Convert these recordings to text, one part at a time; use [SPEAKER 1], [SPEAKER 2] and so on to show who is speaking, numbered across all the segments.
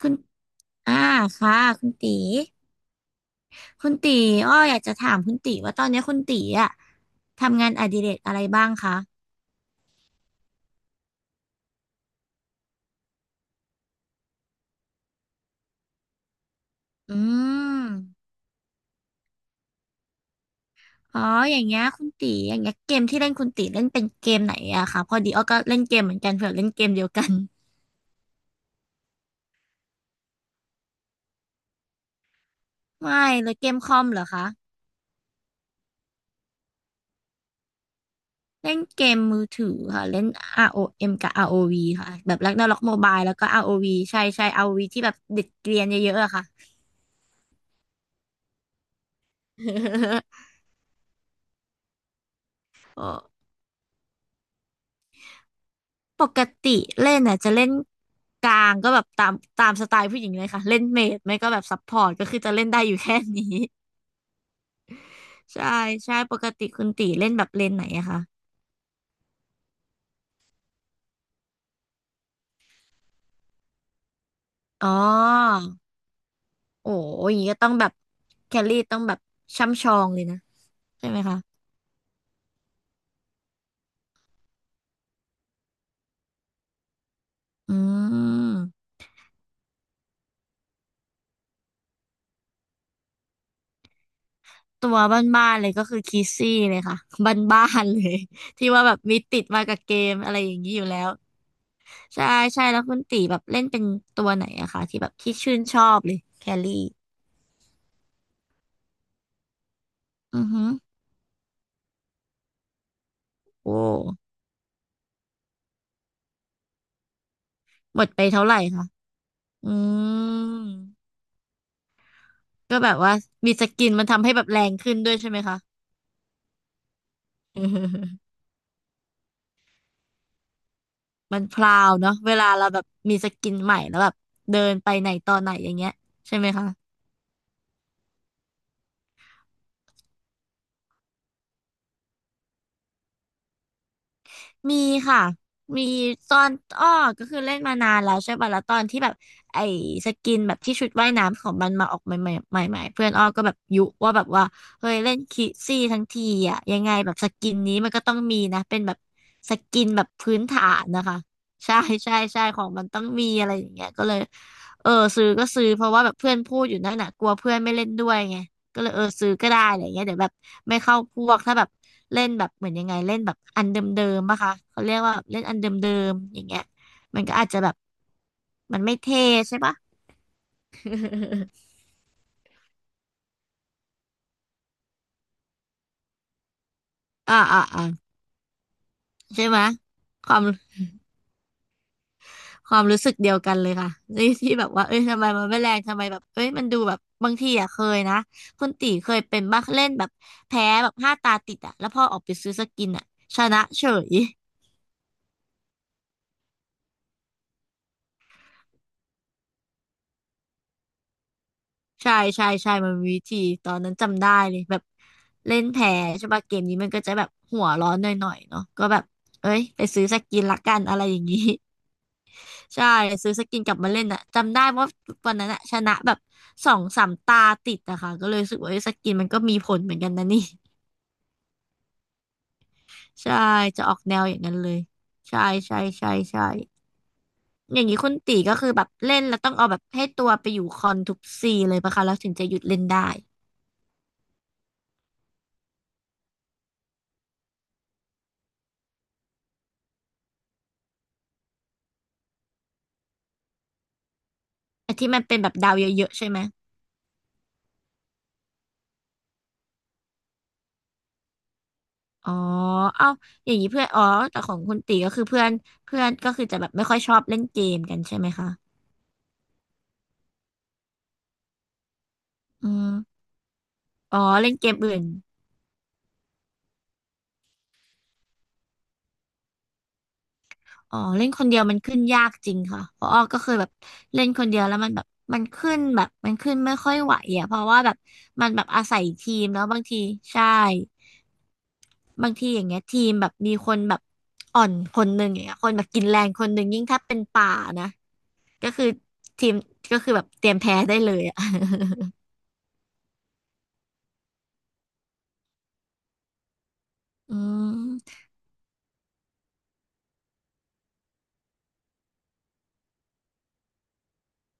[SPEAKER 1] คุณอ่าค่ะคุณตีคุณตีอ้ออยากจะถามคุณตีว่าตอนนี้คุณตีอะทำงานอดิเรกอะไรบ้างคะอืมอ๋ออย่างเงี้ยคุณตีอย่างเงี้ยเกมที่เล่นคุณตีเล่นเป็นเกมไหนอะคะพอดีอ้อก็เล่นเกมเหมือนกันเผื่อเล่นเกมเดียวกัน ไม่เลยเกมคอมเหรอคะเล่นเกมมือถือค่ะเล่น ROM กับ ROV ค่ะแบบ Ragnarok Mobile แล้วก็ ROV ใช่ใช่ ROV ที่แบบเด็กเกรียนเยอะๆอะค่ะ โอ้ ปกติเล่นน่ะจะเล่นกลางก็แบบตามสไตล์ผู้หญิงเลยค่ะเล่นเมจไม่ก็แบบซัพพอร์ตก็คือจะเล่นได้อยู่แค่นี้ ใช่ใช่ปกติคุณตีเล่นแบบเลนไหนอะคะอ๋อโอ้ยอย่างนี้ก็ต้องแบบแครี่ต้องแบบช่ำชองเลยนะใช่ไหมคะอืมตัวบ้านๆเลยก็คือคิสซี่เลยค่ะ บ้านๆเลย ที่ว่าแบบมีติดมากับเกมอะไรอย่างนี้อยู่แล้วใช่ใช่แล้วคุณตีแบบเล่นเป็นตัวไหนอะคะที่แบบที่ชื่นชอบเลยแครี่ อือฮึโอ้ หมดไปเท่าไหร่คะอืม ก็แบบว่ามีสกินมันทำให้แบบแรงขึ้นด้วยใช่ไหมคะ มันพราวเนาะเวลาเราแบบมีสกินใหม่แล้วแบบเดินไปไหนต่อไหนอย่างเงี้ยใช่ไหมคะ มีค่ะมีตอนอ้อก็คือเล่นมานานแล้วใช่ป่ะแล้วตอนที่แบบไอ้สกินแบบที่ชุดว่ายน้ำของมันมาออกใหม่เพื่อนอ้อก็แบบยุว่าแบบว่าเฮ้ยเล่นคิดซี่ทั้งทีอ่ะยังไงแบบสกินนี้มันก็ต้องมีนะเป็นแบบสกินแบบพื้นฐานนะคะใช่ใช่ของมันต้องมีอะไรอย่างเงี้ยก็เลยเออซื้อก็ซื้อเพราะว่าแบบเพื่อนพูดอยู่นั่นน่ะกลัวเพื่อนไม่เล่นด้วยไง ก็เลยเออซื้อก็ได้อะไรเงี้ยเดี๋ยวแบบไม่เข้าพวกถ้าแบบเล่นแบบเหมือนยังไงเล่นแบบอันเดิมๆปะคะเขาเรียกว่าเล่นอันเดิมๆอย่างเงี้ยมันก็อาจจะแบบมันไม่เท่ใช่ปะ อ่า อ่าอ่าใช่ไหมยความความรู้สึกเดียวกันเลยค่ะที่แบบว่าเอ้ยทำไมมันไม่แรงทำไมแบบเอ้ยมันดูแบบบางทีอ่ะเคยนะคุณตีเคยเป็นบ้าเล่นแบบแพ้แบบ5 ตาติดอ่ะแล้วพอออกไปซื้อสกินอ่ะชนะเฉย ใช่มันมีวิธีตอนนั้นจำได้เลยแบบเล่นแพ้ใช่ปะเกมนี้มันก็จะแบบหัวร้อนหน่อยๆเนาะก็แบบเอ้ยไปซื้อสกินละกันอะไรอย่างนี้ ใช่ซื้อสกินกลับมาเล่นอะจำได้ว่าวันนั้นอะชนะแบบสองสามตาติดอะค่ะก็เลยรู้สึกว่าเอ้ยสกินมันก็มีผลเหมือนกันนะนี่ ใช่จะออกแนวอย่างนั้นเลยใช่ใช่อย่างนี้คุณตีก็คือแบบเล่นแล้วต้องเอาแบบให้ตัวไปอยู่คอนทุกซีเลยปะคะแล้วถึงจะหยุดเล่นได้ไอ้ที่มันเป็นแบบดาวเยอะๆใช่ไหม อ๋อเอ้าอย่างนี้เพื่อนอ๋อแต่ของคุณตีก็คือเพื่อนเพื่อนก็คือจะแบบไม่ค่อยชอบเล่นเกมกันใช่ไหมคะอืมอ๋อเล่นเกมอื่นอ๋อเล่นคนเดียวมันขึ้นยากจริงค่ะเพราะอ้อก็เคยแบบเล่นคนเดียวแล้วมันแบบมันขึ้นแบบมันขึ้นไม่ค่อยไหวอ่ะเพราะว่าแบบมันแบบอาศัยทีมแล้วบางทีใช่บางทีอย่างเงี้ยทีมแบบมีคนแบบอ่อนคนหนึ่งอย่างเงี้ยคนแบบกินแรงคนหนึ่งยิ่งถ้าเป็นป่านะก็คือทีมก็คือแบบเตรียมแพ้ได้เลยอ่ะ อืม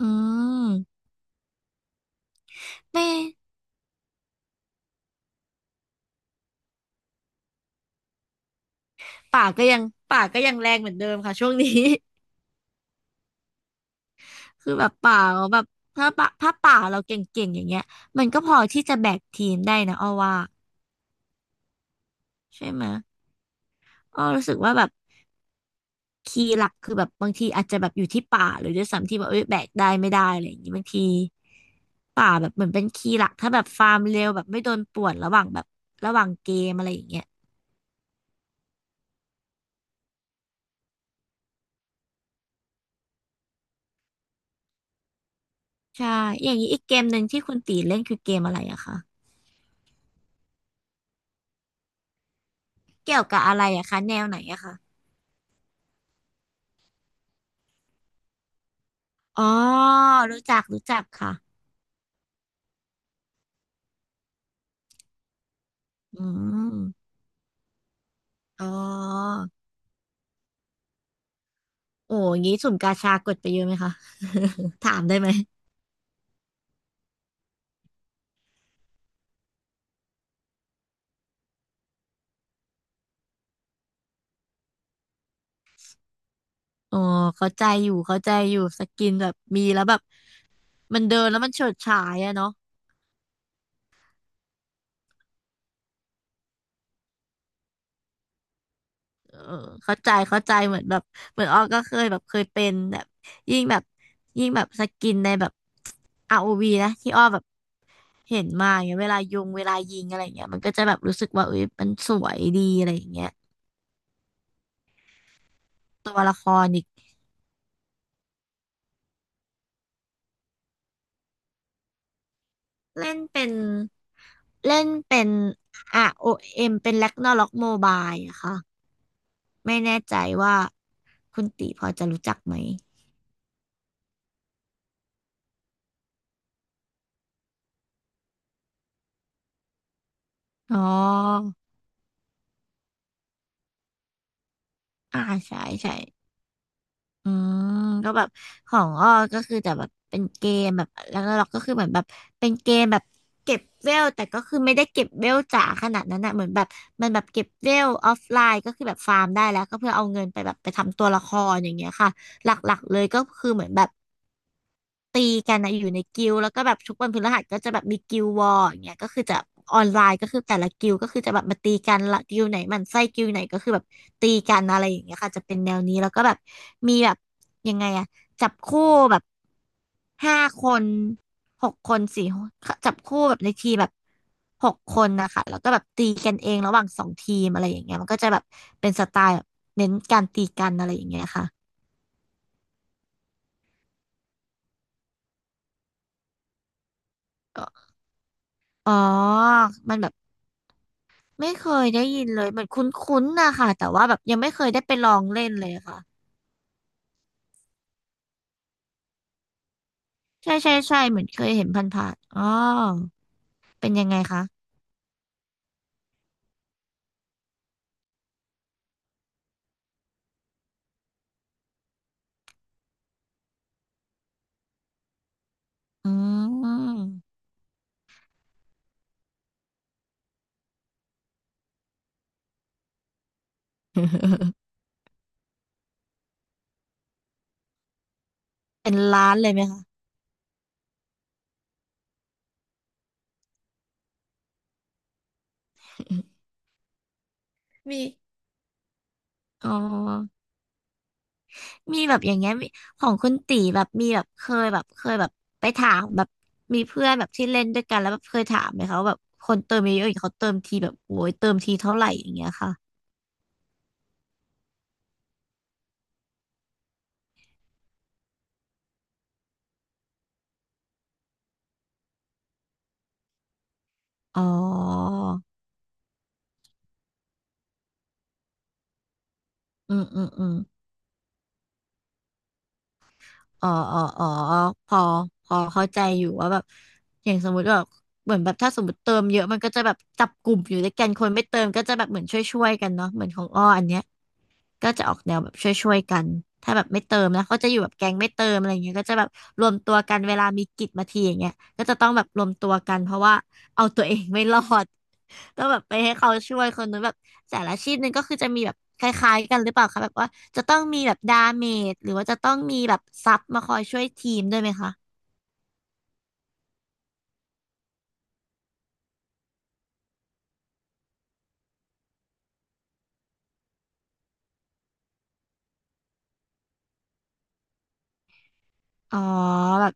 [SPEAKER 1] อืมไม่ป่าก็ยังป่าก็ยังแรงเหมือนเดิมค่ะช่วงนี้ คือแบบป่าเราแบบถ้าป่าเราเก่งๆอย่างเงี้ยมันก็พอที่จะแบกทีมได้นะอ้อว่าใช่ไหมอ้อรู้สึกว่าแบบคีย์หลักคือแบบบางทีอาจจะแบบอยู่ที่ป่าหรือด้วยซ้ำที่แบบเอ้ยแบกได้ไม่ได้อะไรอย่างงี้บางทีป่าแบบเหมือนเป็นคีย์หลักถ้าแบบฟาร์มเร็วแบบไม่โดนป่วนระหว่างเกมอะไรอย่างเงี้ยใช่อย่างนี้อีกเกมหนึ่งที่คุณตีเล่นคือเกมอะไรอะคะเกี่ยวกับอะไรอะคะแนวไหนอะคะ อ๋อรู้จักค่ะอืมอ๋อโอ้อย่างงี้สุ่มกาชากดไปเยอะไหมคะ ถามได้ไหมอ๋อเข้าใจอยู่เข้าใจอยู่สกินแบบมีแล้วแบบมันเดินแล้วมันเฉิดฉายอะเนาะเออเข้าใจเข้าใจเหมือนแบบเหมือนออก็เคยแบบเคยเป็นแบบยิ่งแบบยิ่งแบบสกินในแบบอาร์โอวีนะที่อ้อแบบเห็นมาอย่างเงี้ยเวลายุงเวลายิงอะไรอย่างเงี้ยมันก็จะแบบรู้สึกว่าเอ้ยมันสวยดีอะไรอย่างเงี้ยตัวละครอีก เล่นเป็นเล่นเป็น ROM เอ็มเป็น Ragnarok Mobile อะค่ะไม่แน่ใจว่าคุณตีพอจะรู้จักไหมอ๋ออ่าใช่ใช่อืมก็แบบของอ้อก็คือแต่แบบเป็นเกมแบบแล้วเราก็คือเหมือนแบบเป็นเกมแบบเก็บเวลแต่ก็คือไม่ได้เก็บเวลจ๋าขนาดนั้นนะเหมือนแบบมันแบบเก็บเวลออฟไลน์ก็คือแบบฟาร์มได้แล้วก็เพื่อเอาเงินไปแบบไปทำตัวละครอย่างเงี้ยค่ะหลักๆเลยก็คือเหมือนแบบ ตีกันนะอยู่ในกิลด์แล้วก็แบบทุกวันพฤหัสก็จะแบบมีกิลด์วอร์อย่างเงี้ยก็คือจะออนไลน์ก็คือแต่ละกิลด์ก็คือจะแบบมาตีกันละกิลด์ไหนหมันไส้กิลด์ไหนก็คือแบบตีกันอะไรอย่างเงี้ยค่ะจะเป็นแนวนี้แล้วก็แบบมีแบบยังไงอะจับคู่แบบห้าคนหกคนสี่จับคู่แบบในทีมแบบหกคนนะคะแล้วก็แบบตีกันเองระหว่างสองทีมอะไรอย่างเงี้ยมันก็จะแบบเป็นสไตล์แบบเน้นการตีกันอะไรอย่างเงี้ยค่ะอ๋อมันแบบ ไม่เคยได้ยินเลยเหมือนคุ้นๆนะคะแต่ว่าแบบยังไม่เคยได้ไปลองเล่นเลยค่ะใช่ใช่ใช่เหมือนเคยเห็นผ่านๆอ๋อเป็นยังไงคะอืมเป็นร้านเลยไหมคะมีอ๋อมีแบบอย่างเงี้ยมีของคุณตีแบบมีแบบเคยแบบเคยแบบไปถามแบบมีเพื่อนแบบที่เล่นด้วยกันแล้วแบบเคยถามไหมคะว่าแบบคนเติมเยอะๆอย่างเขาเติมทีแบบโอ้ยเติมทีเท่าไหร่อย่างเงี้ยค่ะอ๋ออืมอืมอืม อ๋ออ๋ออ๋อพอ พอเข้าใจอยู่ว่าแบบ อย่างสมมติแบบเหมือนแบบถ้าสมมติเติมเยอะมันก็จะแบบจับกลุ่มอยู่ด้วยกันคนไม่เติมก็จะแบบเหมือนช่วยๆกันเนาะเหมือนของอ้ออันเนี้ย ก็จะออกแนวแบบช่วยๆกัน ถ้าแบบไม่เติมนะเขาจะอยู่แบบแก๊งไม่เติมอะไรอย่างเงี้ยก็จะแบบรวมตัวกันเวลามีกิจมาทีอย่างเงี้ยก็จะต้องแบบรวมตัวกันเพราะว่าเอาตัวเองไม่รอด ต้องแบบไปให้เขาช่วยคนนู้นแบบแต่ละอาชีพหนึงก็คือจะมีแบบคล้ายๆกันหรือเปล่าคะแบบว่าจะต้องมีแบบดาเมจหรือว่าจะต้องมีแบบซับมาคอยช่วยทีมด้วยไหมคะอ๋อแบบ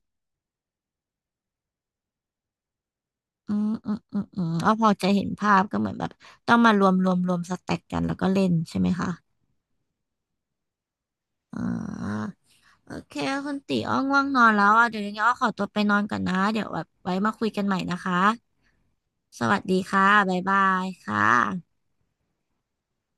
[SPEAKER 1] อืมอืมอืมอืมอ๋อพอจะเห็นภาพก็เหมือนแบบต้องมารวมสแต็กกันแล้วก็เล่นใช่ไหมคะ อ่าโอเคคุณตีอ้อง่วงนอนแล้วอ่ะเดี๋ยวยังไงอ้อขอตัวไปนอนก่อนนะเดี๋ยวแบบไว้มาคุยกันใหม่นะคะสวัสดีค่ะบ๊ายบายค่ะ